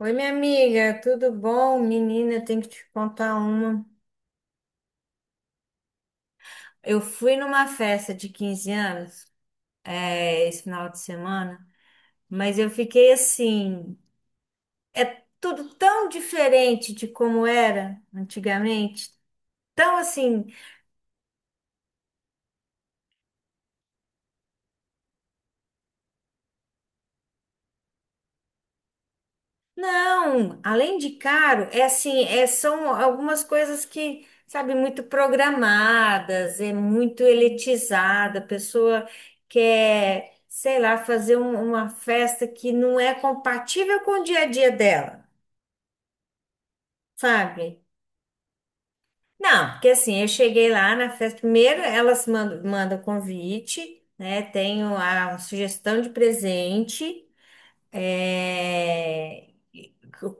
Oi, minha amiga, tudo bom? Menina, eu tenho que te contar uma. Eu fui numa festa de 15 anos, esse final de semana. Mas eu fiquei assim, é tudo tão diferente de como era antigamente, tão assim. Não, além de caro, é assim, são algumas coisas que, sabe, muito programadas, é muito elitizada. A pessoa quer, sei lá, fazer uma festa que não é compatível com o dia a dia dela, sabe? Não, porque assim, eu cheguei lá na festa. Primeiro elas mandam convite, né? Tenho a sugestão de presente. é,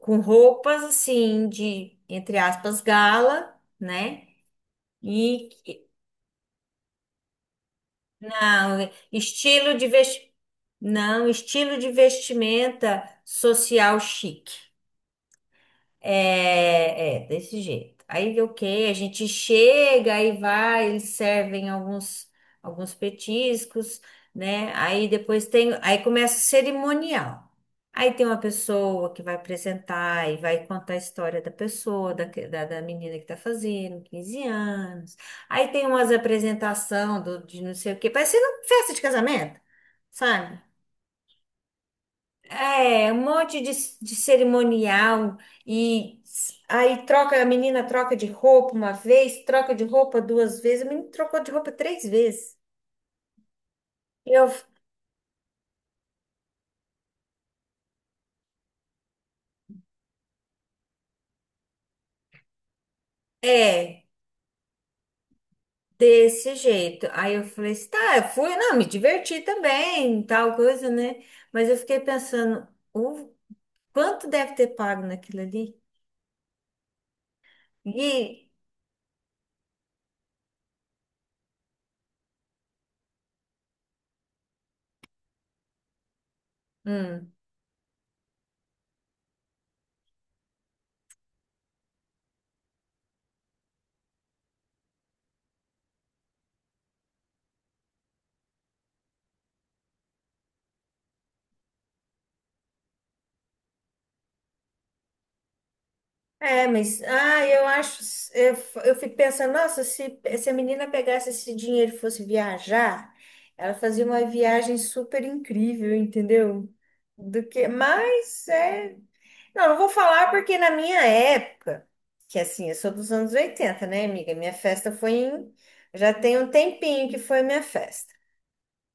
com roupas assim de, entre aspas, gala, né? E não, estilo de vesti... não, estilo de vestimenta social chique. É, é, desse jeito. Aí o que? A gente chega, aí vai, eles servem alguns petiscos, né? Aí começa o cerimonial. Aí tem uma pessoa que vai apresentar e vai contar a história da pessoa, da menina que tá fazendo 15 anos. Aí tem umas apresentação do, de não sei o quê, parecendo festa de casamento, sabe? É, um monte de cerimonial. E aí troca, a menina troca de roupa uma vez, troca de roupa duas vezes, a menina trocou de roupa três vezes. Eu, f- É, desse jeito. Aí eu falei assim, tá, eu fui, não, me diverti também, tal coisa, né? Mas eu fiquei pensando, o quanto deve ter pago naquilo ali? E, hum. É, mas ah, eu acho, eu, eu fico pensando, nossa, se a menina pegasse esse dinheiro e fosse viajar, ela fazia uma viagem super incrível, entendeu? Do que, mas é, Não, não vou falar porque na minha época, que assim, eu sou dos anos 80, né, amiga? Minha festa foi em, Já tem um tempinho que foi minha festa.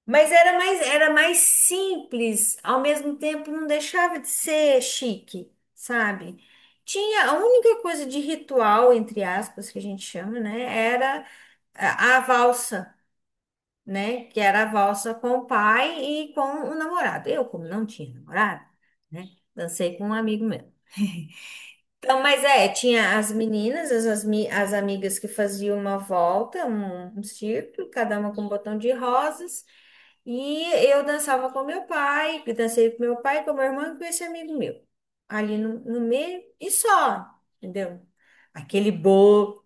Mas era mais simples, ao mesmo tempo não deixava de ser chique, sabe? Tinha a única coisa de ritual, entre aspas, que a gente chama, né? Era a valsa, né? Que era a valsa com o pai e com o namorado. Eu, como não tinha namorado, né? Dancei com um amigo meu. Então, mas é, tinha as meninas, as amigas que faziam uma volta, um círculo, cada uma com um botão de rosas. E eu dançava com meu pai, que dancei com meu pai, com meu irmão e com esse amigo meu. Ali no meio e só, entendeu? Aquele bolo,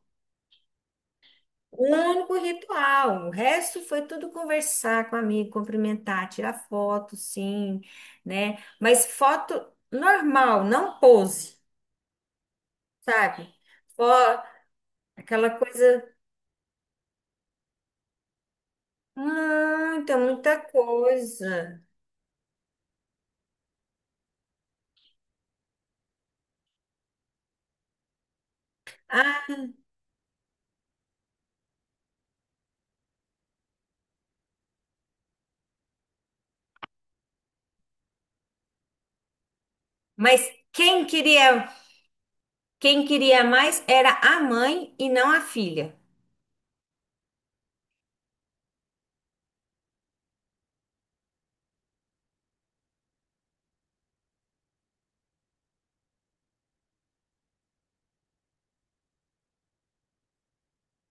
o único ritual. O resto foi tudo conversar com amigo, cumprimentar, tirar foto, sim, né? Mas foto normal, não pose, sabe? Fo- Aquela coisa, muita, muita coisa. Ah, Mas quem queria quem queria mais era a mãe e não a filha.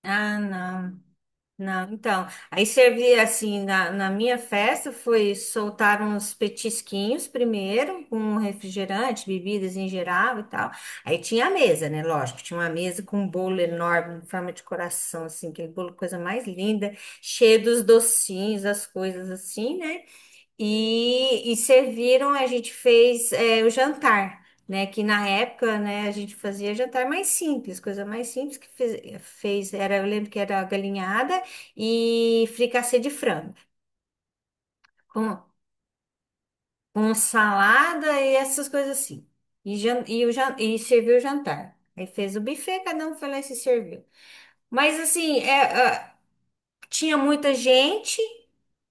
Ah, não, não. Então, aí servia assim, na minha festa foi soltar uns petisquinhos primeiro, com refrigerante, bebidas em geral e tal. Aí tinha a mesa, né? Lógico, tinha uma mesa com um bolo enorme, em forma de coração, assim, aquele bolo, coisa mais linda, cheio dos docinhos, as coisas assim, né? E serviram, a gente fez o jantar, né? Que na época, né, a gente fazia jantar mais simples, coisa mais simples que fez era, eu lembro que era galinhada e fricassê de frango, com, com salada e essas coisas assim. E serviu o jantar. Aí fez o buffet, cada um foi lá e se serviu. Mas assim, tinha muita gente,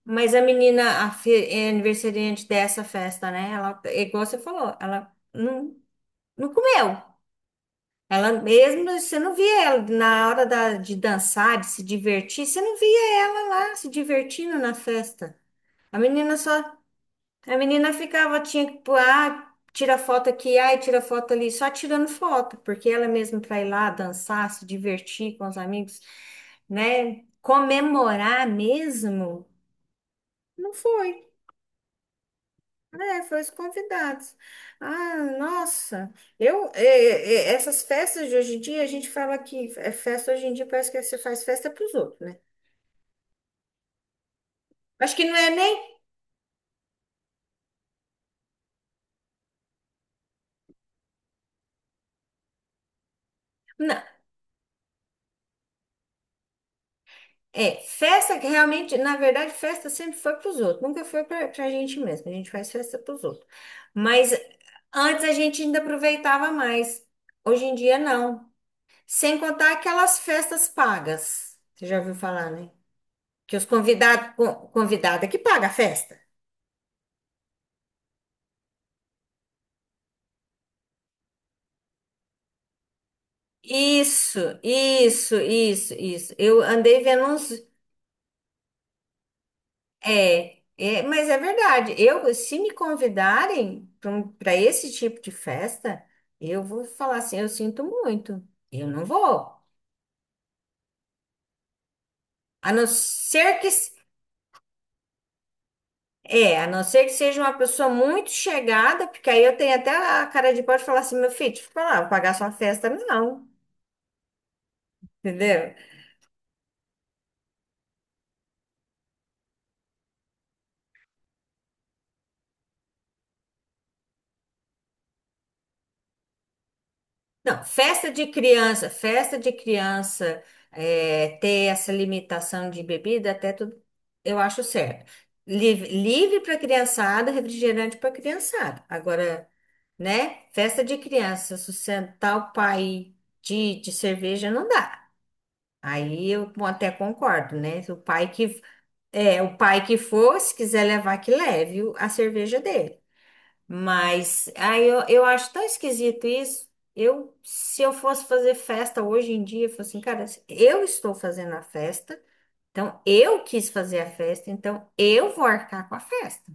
mas a menina, é aniversariante dessa festa, né? Ela, é igual você falou, ela não, não comeu. Ela mesmo, você não via ela na hora de dançar, de se divertir, você não via ela lá se divertindo na festa. A menina só, a menina ficava, tinha que, pôr, ah, tira foto aqui, ai, tira foto ali, só tirando foto. Porque ela mesmo para ir lá dançar, se divertir com os amigos, né? Comemorar mesmo. Não foi, né? Foi os convidados. Ah, nossa, eu é, é, é, essas festas de hoje em dia, a gente fala que é festa hoje em dia parece que você faz festa para os outros, né? Acho que não é nem Não, é festa que realmente, na verdade, festa sempre foi para os outros, nunca foi para a gente mesmo. A gente faz festa para os outros. Mas antes a gente ainda aproveitava mais. Hoje em dia não. Sem contar aquelas festas pagas. Você já ouviu falar, né? Que os convidados, convidada que paga a festa. Isso, isso, isso, isso. Eu andei vendo uns. É, é, mas é verdade. Eu, se me convidarem para esse tipo de festa, eu vou falar assim, eu sinto muito. Eu não vou. A não ser que s- a não ser que seja uma pessoa muito chegada, porque aí eu tenho até a cara de pau de falar assim, meu filho, deixa eu falar, vou pagar sua festa, não, entendeu? Não, festa de criança ter essa limitação de bebida, até tudo, eu acho certo. Livre, livre para criançada, refrigerante para criançada. Agora, né? Festa de criança, sustentar o pai de cerveja não dá. Aí eu até concordo, né? O pai que for, se quiser levar, que leve a cerveja dele. Mas aí eu acho tão esquisito isso. Eu, se eu fosse fazer festa hoje em dia, eu falo assim, cara, eu estou fazendo a festa, então eu quis fazer a festa, então eu vou arcar com a festa.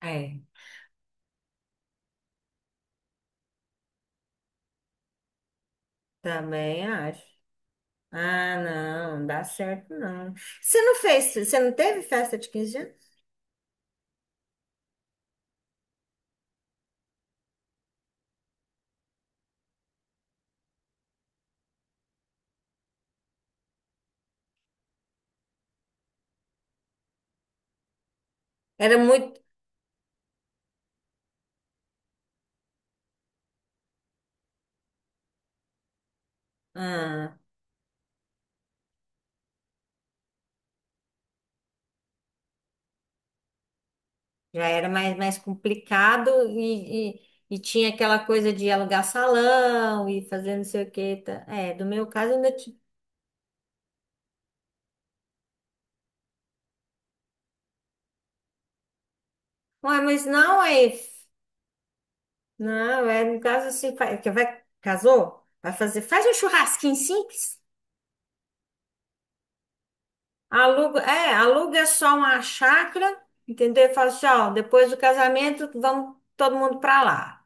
É. Também acho. Ah, não, não dá certo não. Você não fez, você não teve festa de 15 anos? Era muito, ah, Já era mais, complicado e tinha aquela coisa de alugar salão e fazer não sei o que. É, do meu caso ainda Ué, mas não é. Não, é no caso assim, que vai, casou? Vai fazer. Faz um churrasquinho simples. Aluga só uma chácara, entendeu? E fala assim, ó, depois do casamento, vamos todo mundo pra lá.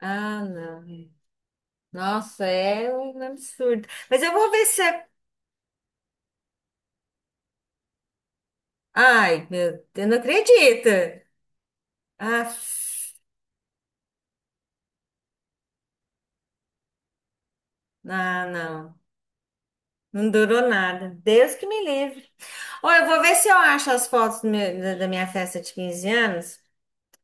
Ah, não. Nossa, é um absurdo. Mas eu vou ver se é. Ai, meu Deus, não acredito. Ah, não, não. Não durou nada. Deus que me livre. Ó, eu vou ver se eu acho as fotos da minha festa de 15 anos.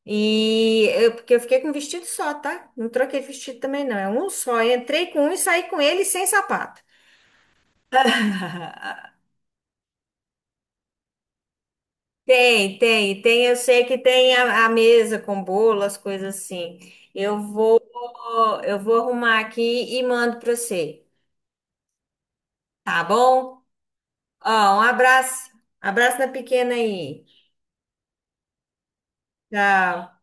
E eu, porque eu fiquei com um vestido só, tá? Não troquei de vestido também, não. É um só. Eu entrei com um e saí com ele sem sapato. Tem, tem, tem. Eu sei que tem a mesa com bolo, as coisas assim. Eu vou, eu vou arrumar aqui e mando pra você, tá bom? Ó, um abraço. Abraço na pequena aí. Tchau.